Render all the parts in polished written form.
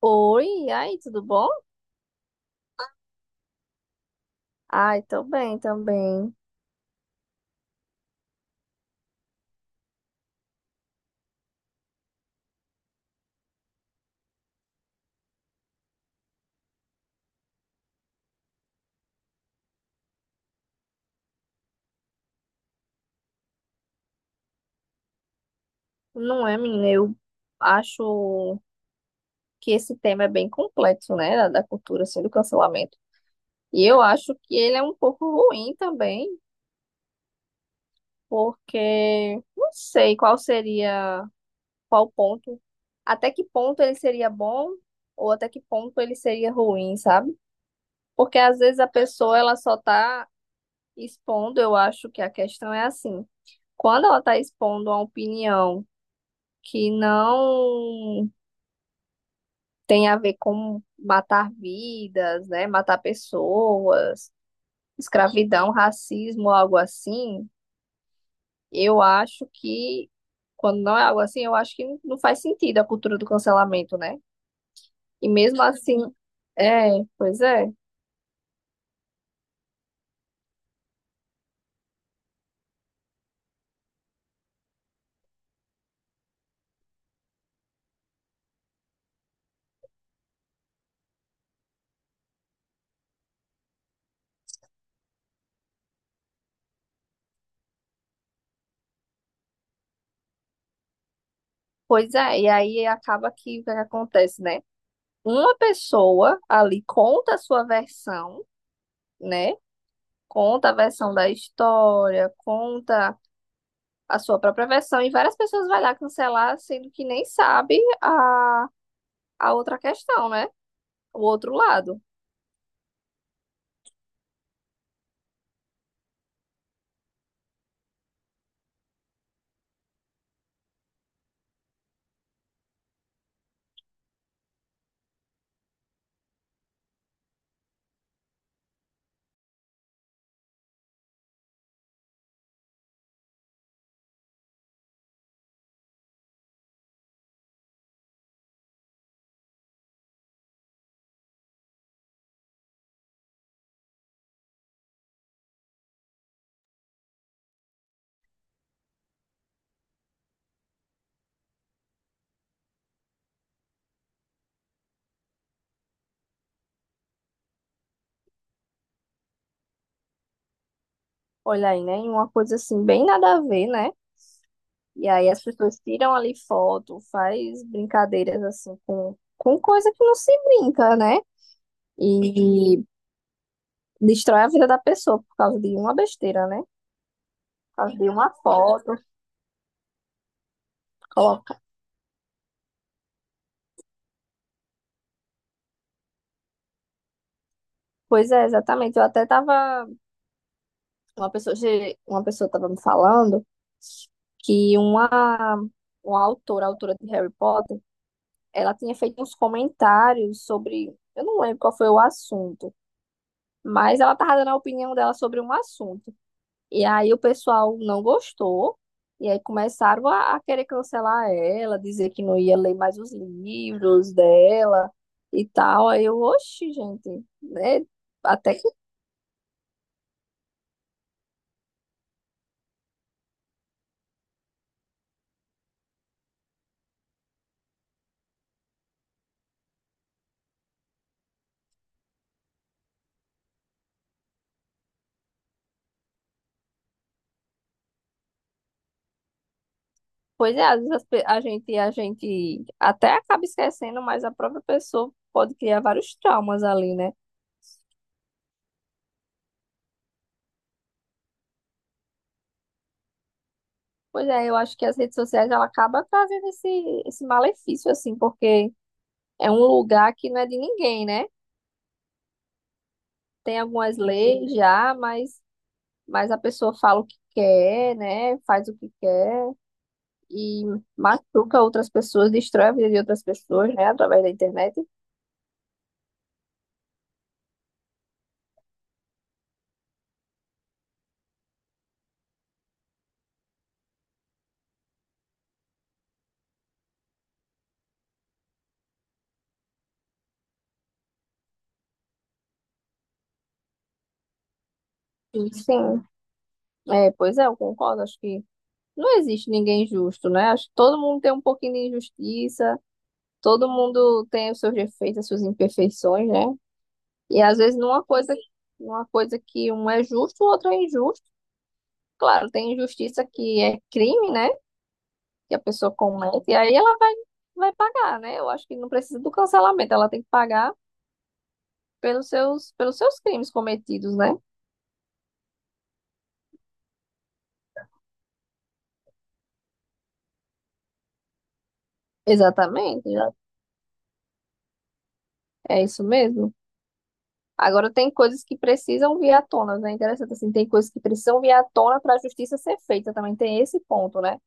Oi, e aí, tudo bom? Ai, tô bem também. Não é, menina? Eu acho que esse tema é bem complexo, né? Da cultura, assim, do cancelamento. E eu acho que ele é um pouco ruim também, porque não sei qual seria, qual ponto, até que ponto ele seria bom ou até que ponto ele seria ruim, sabe? Porque às vezes a pessoa, ela só tá expondo, eu acho que a questão é assim. Quando ela tá expondo a opinião que não tem a ver com matar vidas, né? Matar pessoas, escravidão, racismo, algo assim, eu acho que, quando não é algo assim, eu acho que não faz sentido a cultura do cancelamento, né? E mesmo assim, é, pois é, pois é, e aí acaba que o que é que acontece, né? Uma pessoa ali conta a sua versão, né? Conta a versão da história, conta a sua própria versão e várias pessoas vai lá cancelar, sendo que nem sabe a outra questão, né? O outro lado. Olha aí, né? Uma coisa assim, bem nada a ver, né? E aí as pessoas tiram ali foto, faz brincadeiras assim com coisa que não se brinca, né? E destrói a vida da pessoa por causa de uma besteira, né? Por causa de uma foto, coloca. Pois é, exatamente. Eu até tava Uma pessoa, uma pessoa estava me falando que uma autora, autora de Harry Potter, ela tinha feito uns comentários sobre, eu não lembro qual foi o assunto, mas ela estava dando a opinião dela sobre um assunto. E aí o pessoal não gostou, e aí começaram a querer cancelar ela, dizer que não ia ler mais os livros dela e tal. Aí eu, oxe, gente, né? Até Pois é, às vezes a gente até acaba esquecendo, mas a própria pessoa pode criar vários traumas ali, né? Pois é, eu acho que as redes sociais ela acaba trazendo esse, esse malefício, assim, porque é um lugar que não é de ninguém, né? Tem algumas leis já, mas a pessoa fala o que quer, né? Faz o que quer e machuca outras pessoas, destrói a vida de outras pessoas, né? Através da internet. E, sim, é, pois é, eu concordo, acho que. Não existe ninguém justo, né? Acho que todo mundo tem um pouquinho de injustiça, todo mundo tem os seus defeitos, as suas imperfeições, né? E às vezes numa coisa que um é justo, o outro é injusto. Claro, tem injustiça que é crime, né? Que a pessoa comete, e aí ela vai, vai pagar, né? Eu acho que não precisa do cancelamento, ela tem que pagar pelos seus crimes cometidos, né? Exatamente, é isso mesmo. Agora tem coisas que precisam vir à tona, né? Interessante assim, tem coisas que precisam vir à tona para a justiça ser feita também. Tem esse ponto, né?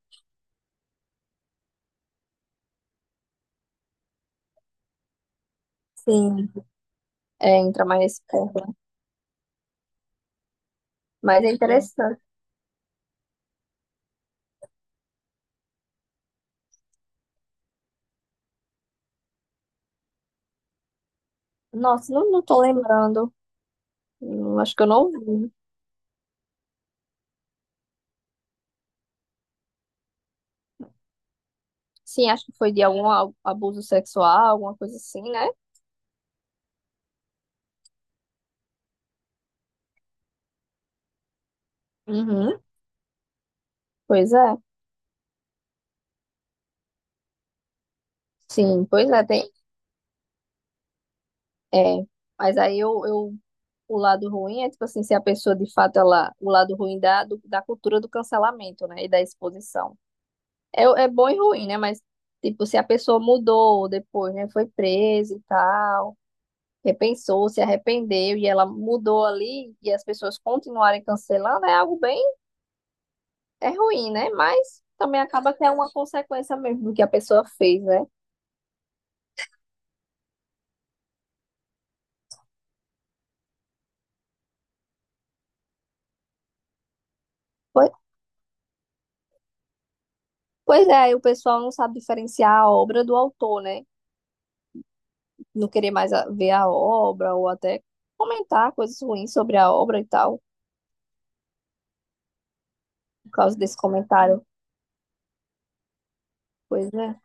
Sim. É, entra mais nesse ponto, né? Mas é interessante. Nossa, não tô lembrando. Acho que eu não vi. Sim, acho que foi de algum abuso sexual, alguma coisa assim, né? Uhum. Pois é. Sim, pois é, tem. É. Mas aí eu, o lado ruim é tipo assim, se a pessoa de fato ela, o lado ruim da da cultura do cancelamento, né? E da exposição. É, é bom e ruim, né? Mas, tipo, se a pessoa mudou depois, né? Foi presa e tal, repensou, se arrependeu e ela mudou ali e as pessoas continuarem cancelando, é algo bem, é ruim, né? Mas também acaba que é uma consequência mesmo do que a pessoa fez, né? Pois, pois é, aí o pessoal não sabe diferenciar a obra do autor, né? Não querer mais ver a obra ou até comentar coisas ruins sobre a obra e tal, por causa desse comentário. Pois é.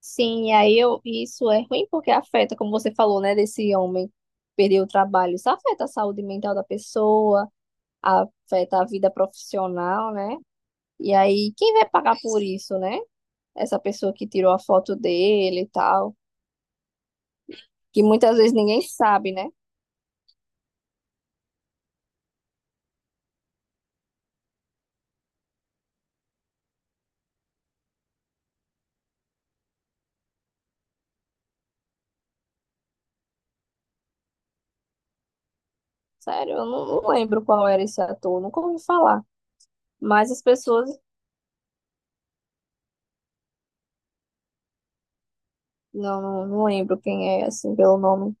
Sim, isso é ruim porque afeta, como você falou, né, desse homem perder o trabalho. Isso afeta a saúde mental da pessoa, afeta a vida profissional, né? E aí, quem vai pagar por isso, né? Essa pessoa que tirou a foto dele e tal, que muitas vezes ninguém sabe, né? Sério, eu não lembro qual era esse ator, nunca ouvi falar. Mas as pessoas, não lembro quem é, assim, pelo nome.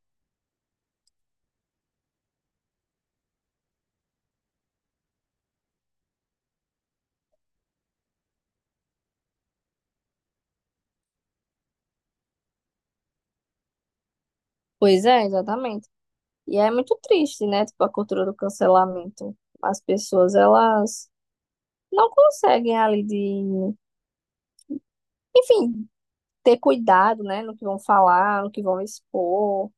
Pois é, exatamente. E é muito triste, né? Tipo, a cultura do cancelamento. As pessoas, elas não conseguem ali de, enfim, ter cuidado, né? No que vão falar, no que vão expor.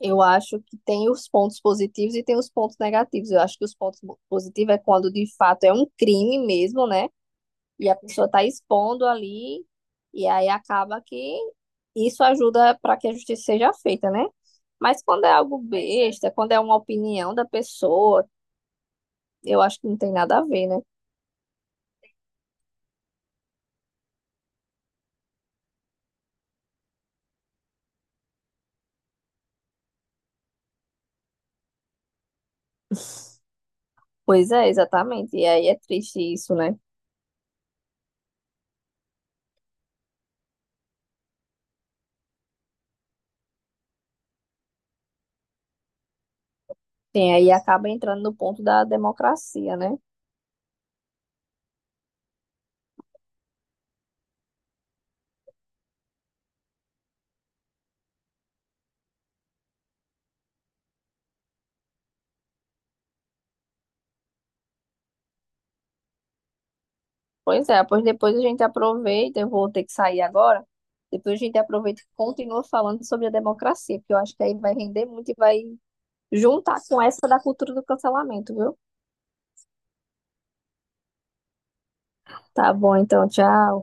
Eu acho que tem os pontos positivos e tem os pontos negativos. Eu acho que os pontos positivos é quando de fato é um crime mesmo, né? E a pessoa tá expondo ali, e aí acaba que isso ajuda para que a justiça seja feita, né? Mas quando é algo besta, quando é uma opinião da pessoa, eu acho que não tem nada a ver, né? Pois é, exatamente. E aí é triste isso, né? Tem aí acaba entrando no ponto da democracia, né? Pois é, pois depois a gente aproveita, eu vou ter que sair agora. Depois a gente aproveita e continua falando sobre a democracia, porque eu acho que aí vai render muito e vai juntar com essa da cultura do cancelamento, viu? Tá bom, então, tchau.